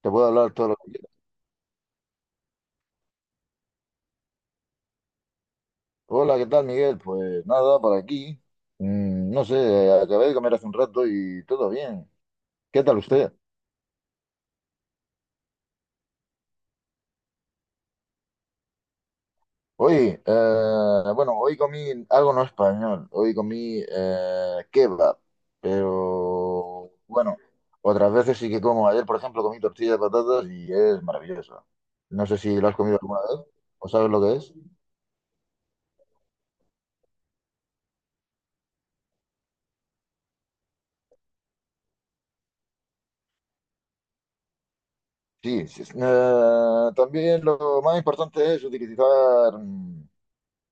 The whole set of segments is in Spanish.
Te puedo hablar todo lo que quieras. Hola, ¿qué tal, Miguel? Pues nada, por aquí. No sé, acabé de comer hace un rato y todo bien. ¿Qué tal usted? Hoy, bueno, hoy comí algo no español. Hoy comí kebab. Pero bueno, otras veces sí que como. Ayer, por ejemplo, comí tortilla de patatas y es maravilloso. No sé si lo has comido alguna vez o sabes lo que es. Sí, sí, sí. También lo más importante es utilizar,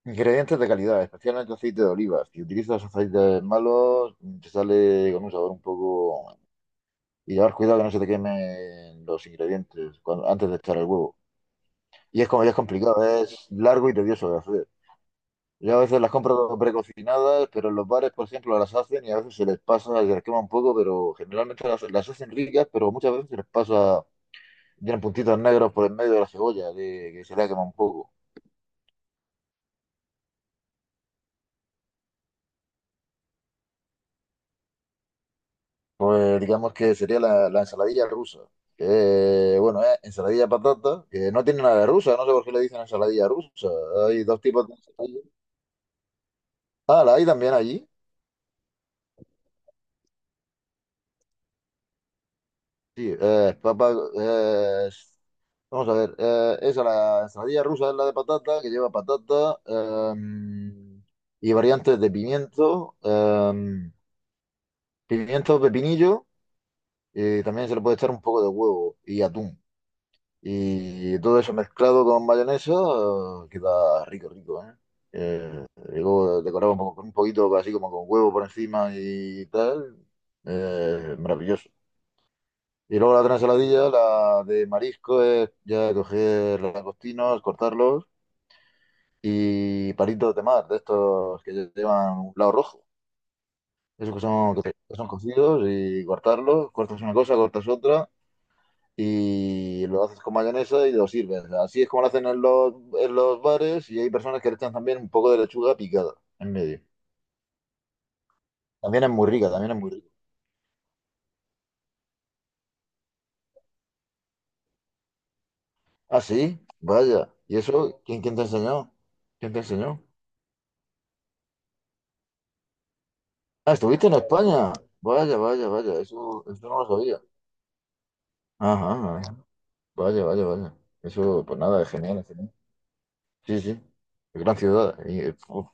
ingredientes de calidad, especialmente aceite de oliva. Si utilizas aceites malos, te sale con un sabor un poco. Y llevar cuidado que no se te quemen los ingredientes antes de echar el huevo. Y es como ya es complicado, es largo y tedioso de hacer. Yo a veces las compro precocinadas, pero en los bares, por ejemplo, las hacen y a veces se les pasa, se les quema un poco, pero generalmente las hacen ricas, pero muchas veces se les pasa, tienen puntitos negros por el medio de la cebolla, de, que se les quema un poco. Pues digamos que sería la ensaladilla rusa. Que, bueno, es ensaladilla de patata, que no tiene nada de rusa, no sé por qué le dicen ensaladilla rusa. Hay dos tipos de ensaladilla. Ah, la hay también allí. Sí, papa, eh, vamos a ver, esa, la ensaladilla rusa es la de patata, que lleva patata, y variantes de pimiento, pimiento, pepinillo, y también se le puede echar un poco de huevo y atún. Y todo eso mezclado con mayonesa queda rico, rico, ¿eh? Eh, luego decorado un poco, con un poquito así como con huevo por encima y tal. Maravilloso. Y luego la otra ensaladilla, la de marisco, es ya coger los langostinos, cortarlos y palitos de mar, de estos que llevan un lado rojo. Esos que son cocidos, y cortarlos, cortas una cosa, cortas otra y lo haces con mayonesa y lo sirves. Así es como lo hacen en los bares, y hay personas que le echan también un poco de lechuga picada en medio. También es muy rica, también es muy rica. Ah, sí, vaya. ¿Y eso? ¿Quién te enseñó? ¿Quién te enseñó? Ah, estuviste en España. Vaya, vaya, vaya. Eso no lo sabía. Ajá, ajá. Vaya, vaya, vaya. Eso, pues nada, es genial, es genial. Sí, sí. Gran ciudad. Y, uf,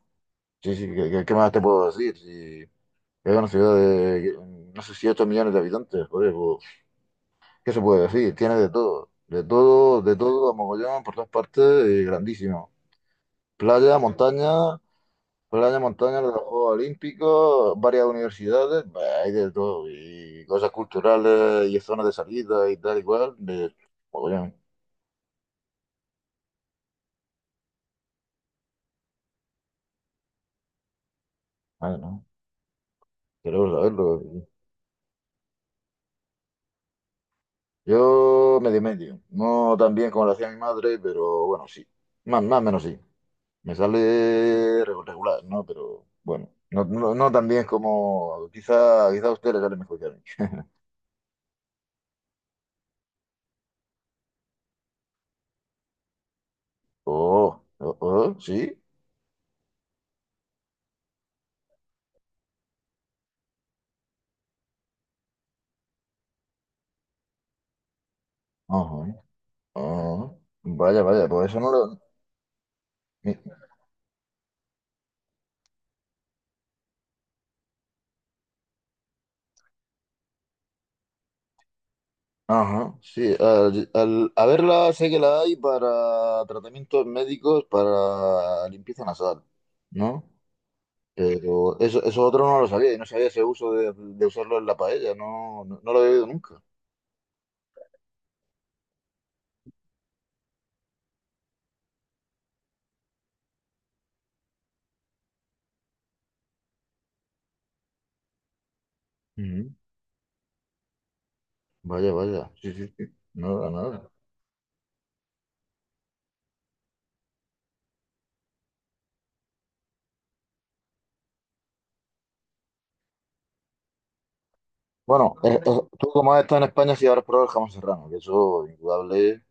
sí, sí, qué más te puedo decir? Sí, es una ciudad de, no sé, si 8 millones de habitantes, joder, pues, ¿qué se puede decir? Tiene de todo, de todo, de todo, a mogollón, por todas partes, grandísimo. Playa, montaña, playa, montaña, los Juegos Olímpicos, varias universidades, bah, hay de todo, y cosas culturales, y zonas de salida, y tal, igual, de mogollón. Ah, no, quiero saberlo. Yo medio medio, no tan bien como lo hacía mi madre, pero bueno, sí, más o menos sí. Me sale regular, ¿no? Pero bueno, no, no, no tan bien como quizá, quizá a usted le sale mejor que a mí. Oh, oh, oh, sí. Ajá, ajá. Vaya, vaya, pues eso no lo. Ni. Ajá, sí. A verla sé que la hay para tratamientos médicos, para limpieza nasal, ¿no? Pero eso otro no lo sabía, y no sabía ese uso de usarlo en la paella, no, no, no lo he oído nunca. Ujú. Vaya, vaya. Sí, sí, sí. Nada, nada. Bueno, tú, como has estado en España, sí habrás probado el jamón serrano, que eso, indudable.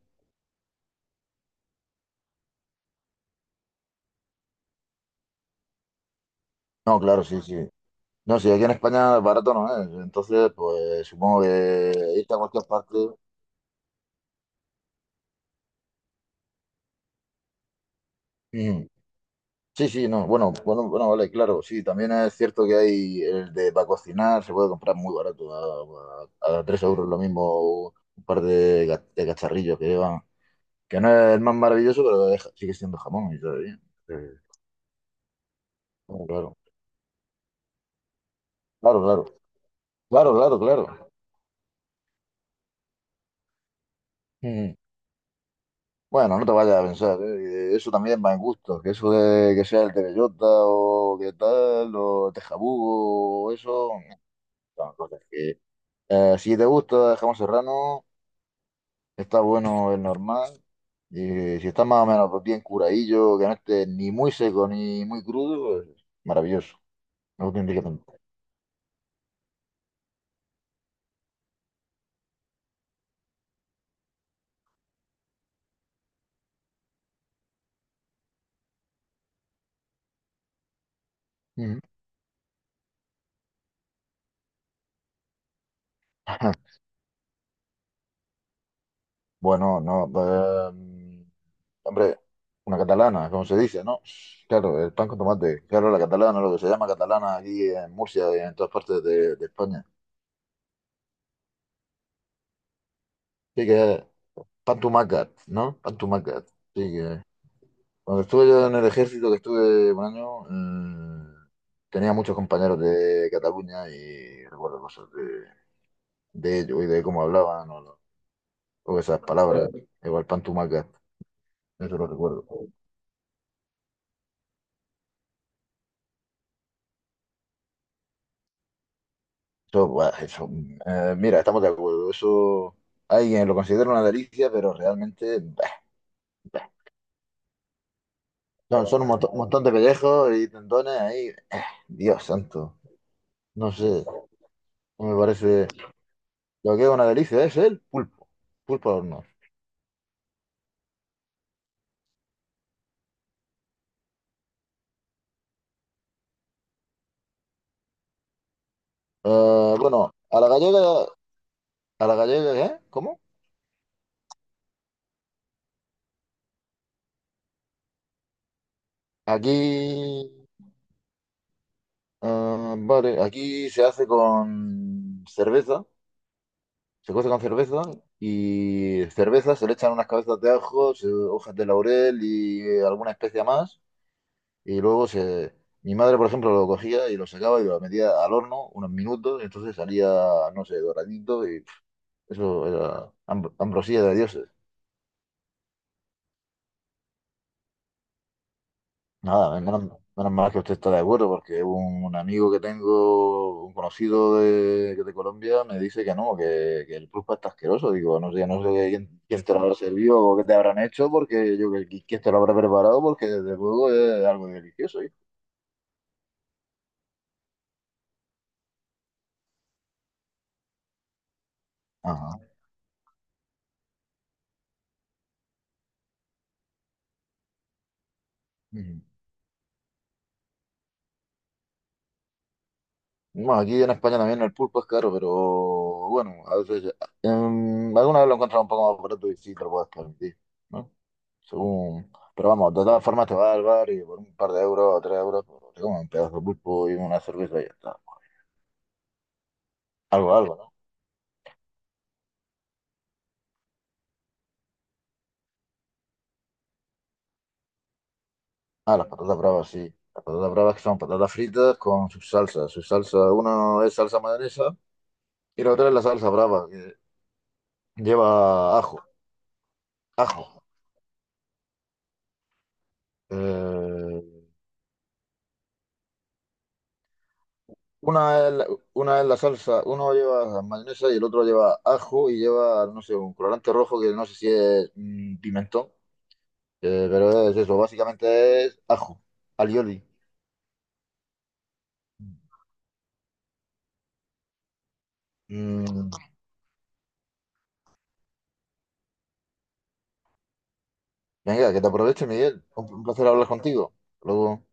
No, claro, sí, sí. No, sí, aquí en España barato no es. Entonces, pues supongo que irte a cualquier parte. Ujú. Sí, sí, no. Bueno, bueno, bueno, vale, claro. Sí, también es cierto que hay el de para cocinar, se puede comprar muy barato, 3 euros lo mismo, un par de cacharrillos que llevan. Que no es el más maravilloso, pero sigue siendo jamón, y todo bien. Eh, bueno, claro, claro, claro, claro, claro, claro. Ujú. Bueno, no te vayas a pensar, ¿eh? Eso también va en gusto, que eso de que sea el Tereyota o qué tal, o Tejabugo, o eso, son cosas que. Si te gusta jamón serrano, está bueno, es normal, y si está más o menos bien curadillo, que no esté ni muy seco ni muy crudo, pues maravilloso, auténticamente. Ujú. Bueno, no, pues, hombre, una catalana, como se dice, ¿no? Claro, el pan con tomate. Claro, la catalana, lo que se llama catalana aquí en Murcia y en todas partes de España. Sí que es pan tumacat, ¿no? Pan tumacat. Sí que. Cuando estuve yo en el ejército, que estuve un año, tenía muchos compañeros de Cataluña y recuerdo cosas de ellos y de cómo hablaban, o esas palabras. Igual pan tumacat, eso lo recuerdo. Eso, buah, eso, mira, estamos de acuerdo. Eso alguien lo considera una delicia, pero realmente bah, son, son un un montón de pellejos y tendones ahí. Dios santo, no sé, no me parece. Lo que es una delicia es el pulpo, pulpo al horno. Bueno, a la gallega, ¿eh? ¿Cómo? Aquí, vale, aquí se hace con cerveza, se cose con cerveza, y cerveza, se le echan unas cabezas de ajo, hojas de laurel y alguna especia más. Y luego se. Mi madre, por ejemplo, lo cogía y lo sacaba y lo metía al horno unos minutos y entonces salía, no sé, doradito y pf, eso era ambrosía de Dios. Nada, menos mal que usted está de acuerdo, porque un amigo que tengo, un conocido de Colombia, me dice que no, que el pulpo está asqueroso. Digo, no sé, no sé quién te lo habrá servido o qué te habrán hecho, porque yo, quién te lo habrá preparado, porque desde luego es algo delicioso. ¿Eh? Ajá. Ujú. Bueno, aquí en España también el pulpo es caro, pero bueno, a veces, alguna vez lo he encontrado un poco más barato y sí te lo puedes permitir, ¿no? Según. Pero vamos, de todas formas te vas al bar y por un par de euros o 3 euros pues, te comes un pedazo de pulpo y una cerveza y ya está. Algo, algo, ¿no? Ah, las patatas bravas, sí. Las patatas bravas que son patatas fritas con sus salsas. Su salsa, una es salsa mayonesa y la otra es la salsa brava, que lleva ajo. Ajo. Eh, una es, la- una es la salsa, uno lleva mayonesa y el otro lleva ajo y lleva, no sé, un colorante rojo que no sé si es pimentón. Pero es eso, básicamente es ajo, alioli. Mm, venga, que te aproveche, Miguel. Un placer hablar contigo. Hasta luego.